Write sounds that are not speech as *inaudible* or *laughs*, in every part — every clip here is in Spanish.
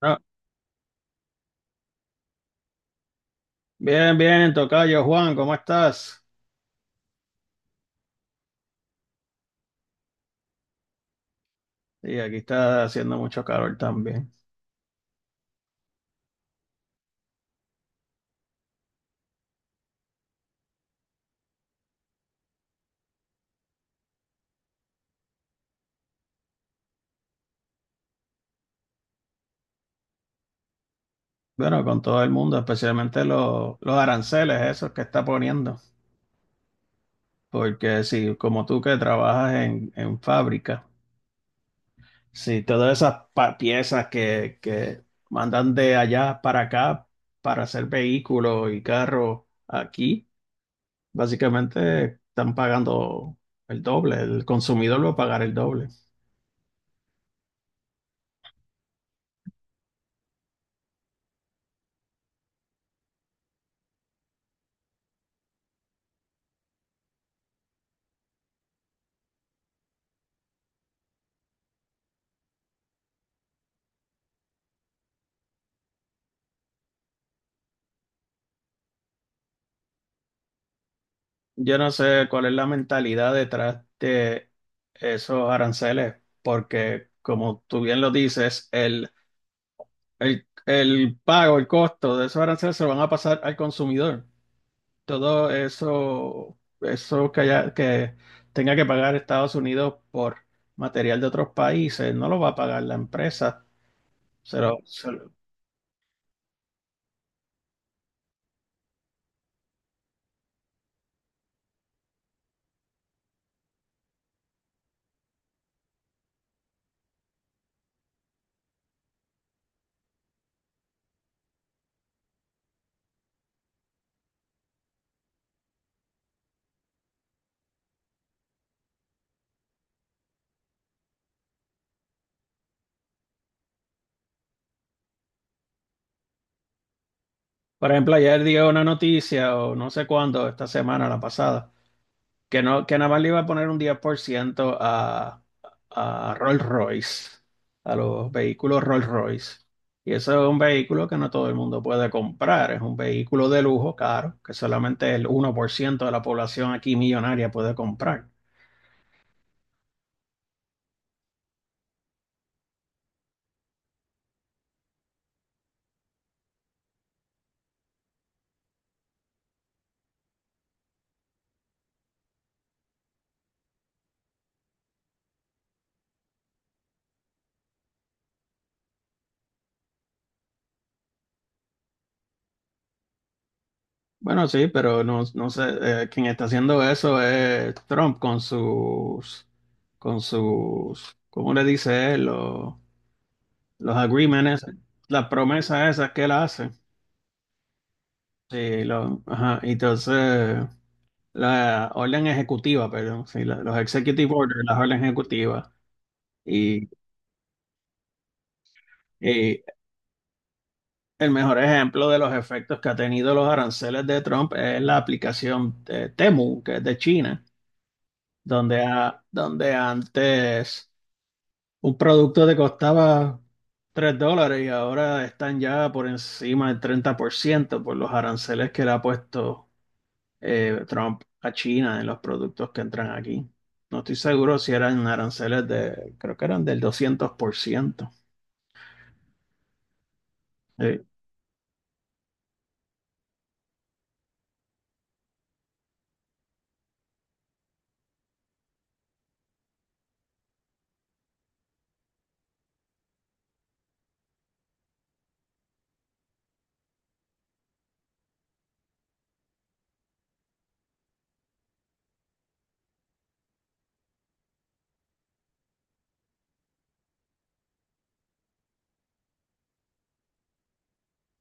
Ah, bien, bien, tocayo Juan, ¿cómo estás? Y aquí está haciendo mucho calor también. Bueno, con todo el mundo, especialmente los aranceles, esos que está poniendo. Porque si, como tú que trabajas en fábrica, si todas esas piezas que mandan de allá para acá para hacer vehículos y carros aquí, básicamente están pagando el doble, el consumidor va a pagar el doble. Yo no sé cuál es la mentalidad detrás de esos aranceles, porque como tú bien lo dices, el pago, el costo de esos aranceles se lo van a pasar al consumidor. Todo eso, que tenga que pagar Estados Unidos por material de otros países, no lo va a pagar la empresa. Se lo- se lo- por ejemplo, ayer dio una noticia, o no sé cuándo, esta semana, la pasada. Que no, que nada más le iba a poner un 10% a Rolls Royce, a los vehículos Rolls Royce. Y eso es un vehículo que no todo el mundo puede comprar. Es un vehículo de lujo caro, que solamente el 1% de la población aquí millonaria puede comprar. Bueno, sí, pero no, no sé, quien está haciendo eso es Trump con sus, ¿cómo le dice él? Los agreements, las promesas esas que él hace. Sí, lo, ajá, y entonces la orden ejecutiva, perdón, sí, los executive orders, las órdenes ejecutivas. Y, y el mejor ejemplo de los efectos que ha tenido los aranceles de Trump es la aplicación Temu, que es de China, donde, donde antes un producto te costaba $3 y ahora están ya por encima del 30% por los aranceles que le ha puesto Trump a China en los productos que entran aquí. No estoy seguro si eran aranceles de, creo que eran del 200%. Eh,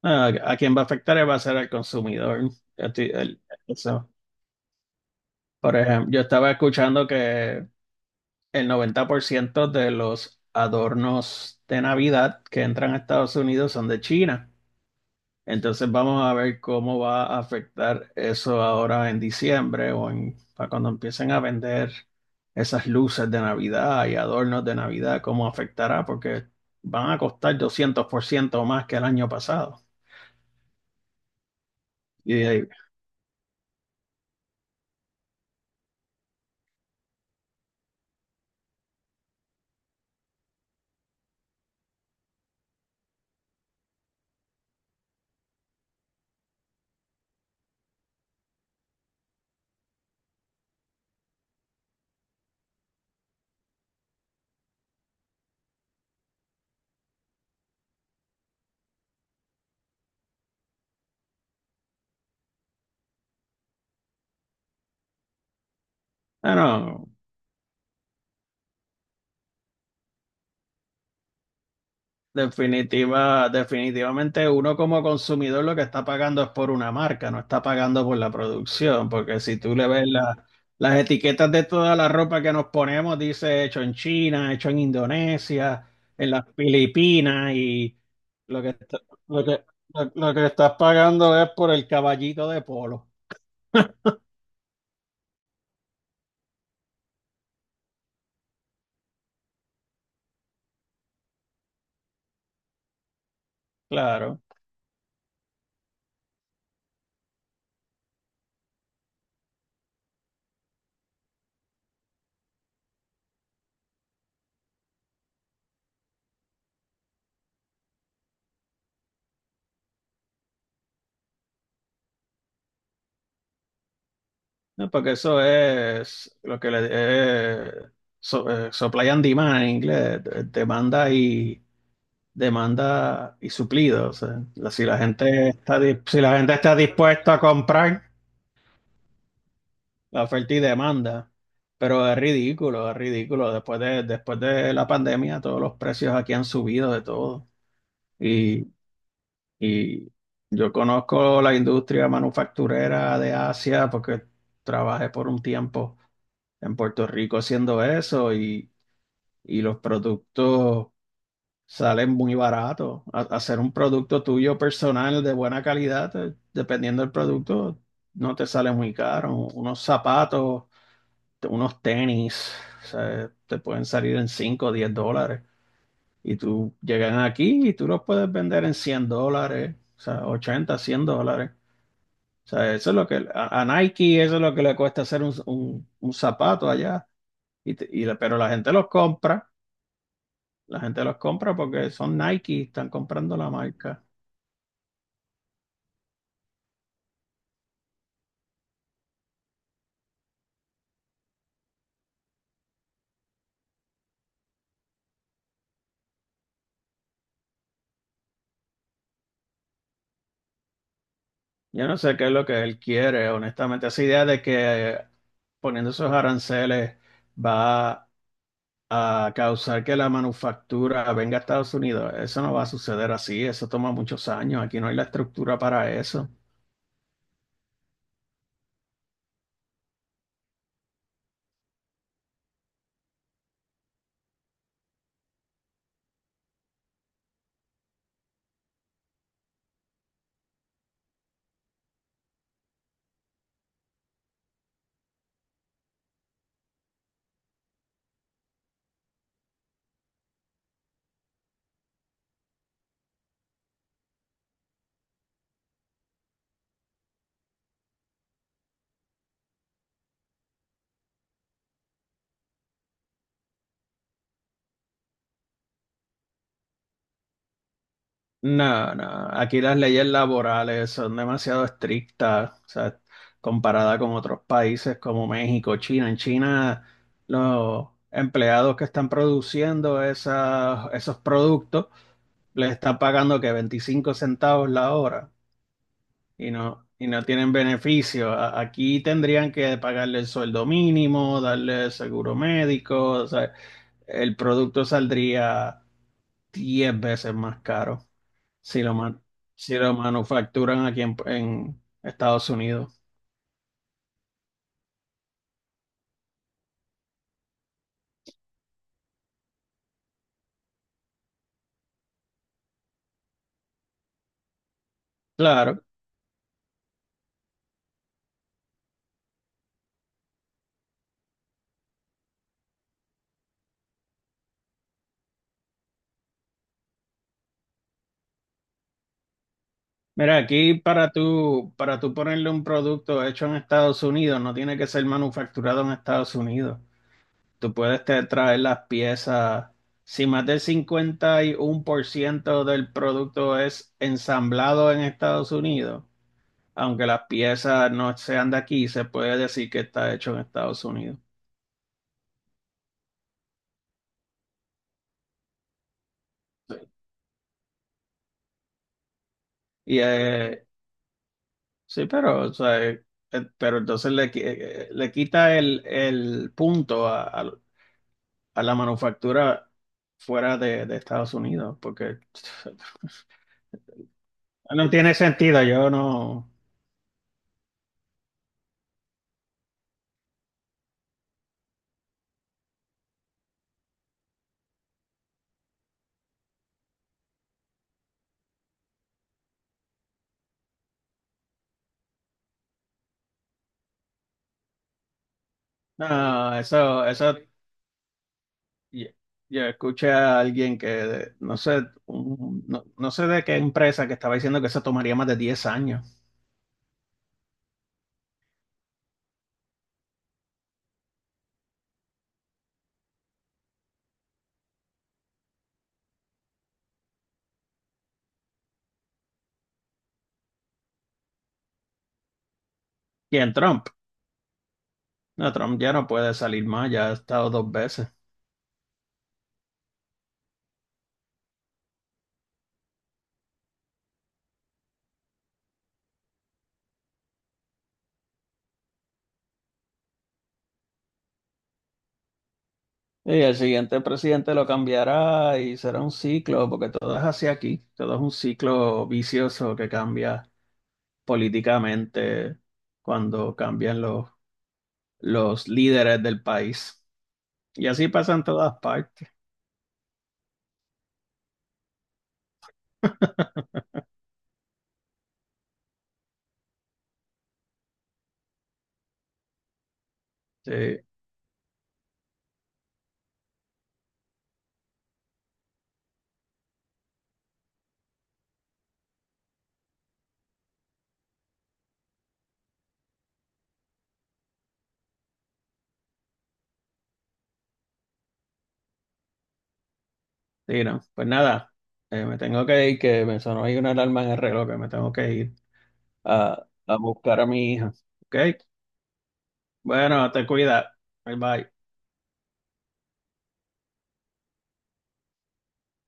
a, a quien va a afectar va a ser al consumidor. Yo estoy- el- Eso. Por ejemplo, yo estaba escuchando que el 90% de los adornos de Navidad que entran a Estados Unidos son de China. Entonces vamos a ver cómo va a afectar eso ahora en diciembre o en, para cuando empiecen a vender esas luces de Navidad y adornos de Navidad, cómo afectará, porque van a costar 200% más que el año pasado. Y, bueno, definitivamente uno como consumidor lo que está pagando es por una marca, no está pagando por la producción, porque si tú le ves las etiquetas de toda la ropa que nos ponemos, dice hecho en China, hecho en Indonesia, en las Filipinas, y lo que, está- lo que, lo que estás pagando es por el caballito de polo. *laughs* Claro, ¿no? Porque eso es lo que le... supply and demand en inglés, demanda y suplido. O sea, la- si la gente está, di- si la gente está dispuesta a comprar, la oferta y demanda. Pero es ridículo, es ridículo. Después de la pandemia, todos los precios aquí han subido de todo. Y, y yo conozco la industria manufacturera de Asia porque trabajé por un tiempo en Puerto Rico haciendo eso y los productos. Sale muy barato. Hacer un producto tuyo personal de buena calidad, dependiendo del producto, no te sale muy caro. Unos zapatos, unos tenis, o sea, te pueden salir en 5, o $10. Y tú llegan aquí y tú los puedes vender en $100, o sea, 80, $100. O sea, eso es lo que a, Nike, eso es lo que le cuesta hacer un zapato allá. Pero la gente los compra, la gente los compra porque son Nike, están comprando la marca. Yo no sé qué es lo que él quiere, honestamente. Esa idea de que poniendo esos aranceles va a causar que la manufactura venga a Estados Unidos, eso no va a suceder así, eso toma muchos años, aquí no hay la estructura para eso. No, no, aquí las leyes laborales son demasiado estrictas, o sea, comparada con otros países como México, China. En China, los empleados que están produciendo esos productos les está pagando que 25 centavos la hora y no tienen beneficio. Aquí tendrían que pagarle el sueldo mínimo, darle seguro médico, o sea, el producto saldría 10 veces más caro si lo, man- si lo manufacturan aquí en Estados Unidos. Claro. Mira, aquí para tú ponerle un producto hecho en Estados Unidos, no tiene que ser manufacturado en Estados Unidos. Tú puedes traer las piezas. Si más del 51% del producto es ensamblado en Estados Unidos, aunque las piezas no sean de aquí, se puede decir que está hecho en Estados Unidos. Sí. Y sí, pero, o sea, pero entonces le, le quita el punto a, a la manufactura fuera de Estados Unidos, porque *laughs* no tiene sentido. Yo no, no, eso, eso. Ya, yo escuché a alguien que, no sé, no, no sé de qué empresa que estaba diciendo que eso tomaría más de 10 años. Y en Trump, no, Trump ya no puede salir más, ya ha estado 2 veces. Y el siguiente presidente lo cambiará y será un ciclo, porque todo es así aquí, todo es un ciclo vicioso que cambia políticamente cuando cambian los líderes del país. Y así pasa en todas partes. Sí, sí, no. Pues nada, me tengo que ir, que me sonó ahí una alarma en el reloj, que me tengo que ir a, buscar a mi hija. ¿Ok? Bueno, te cuida. Bye bye.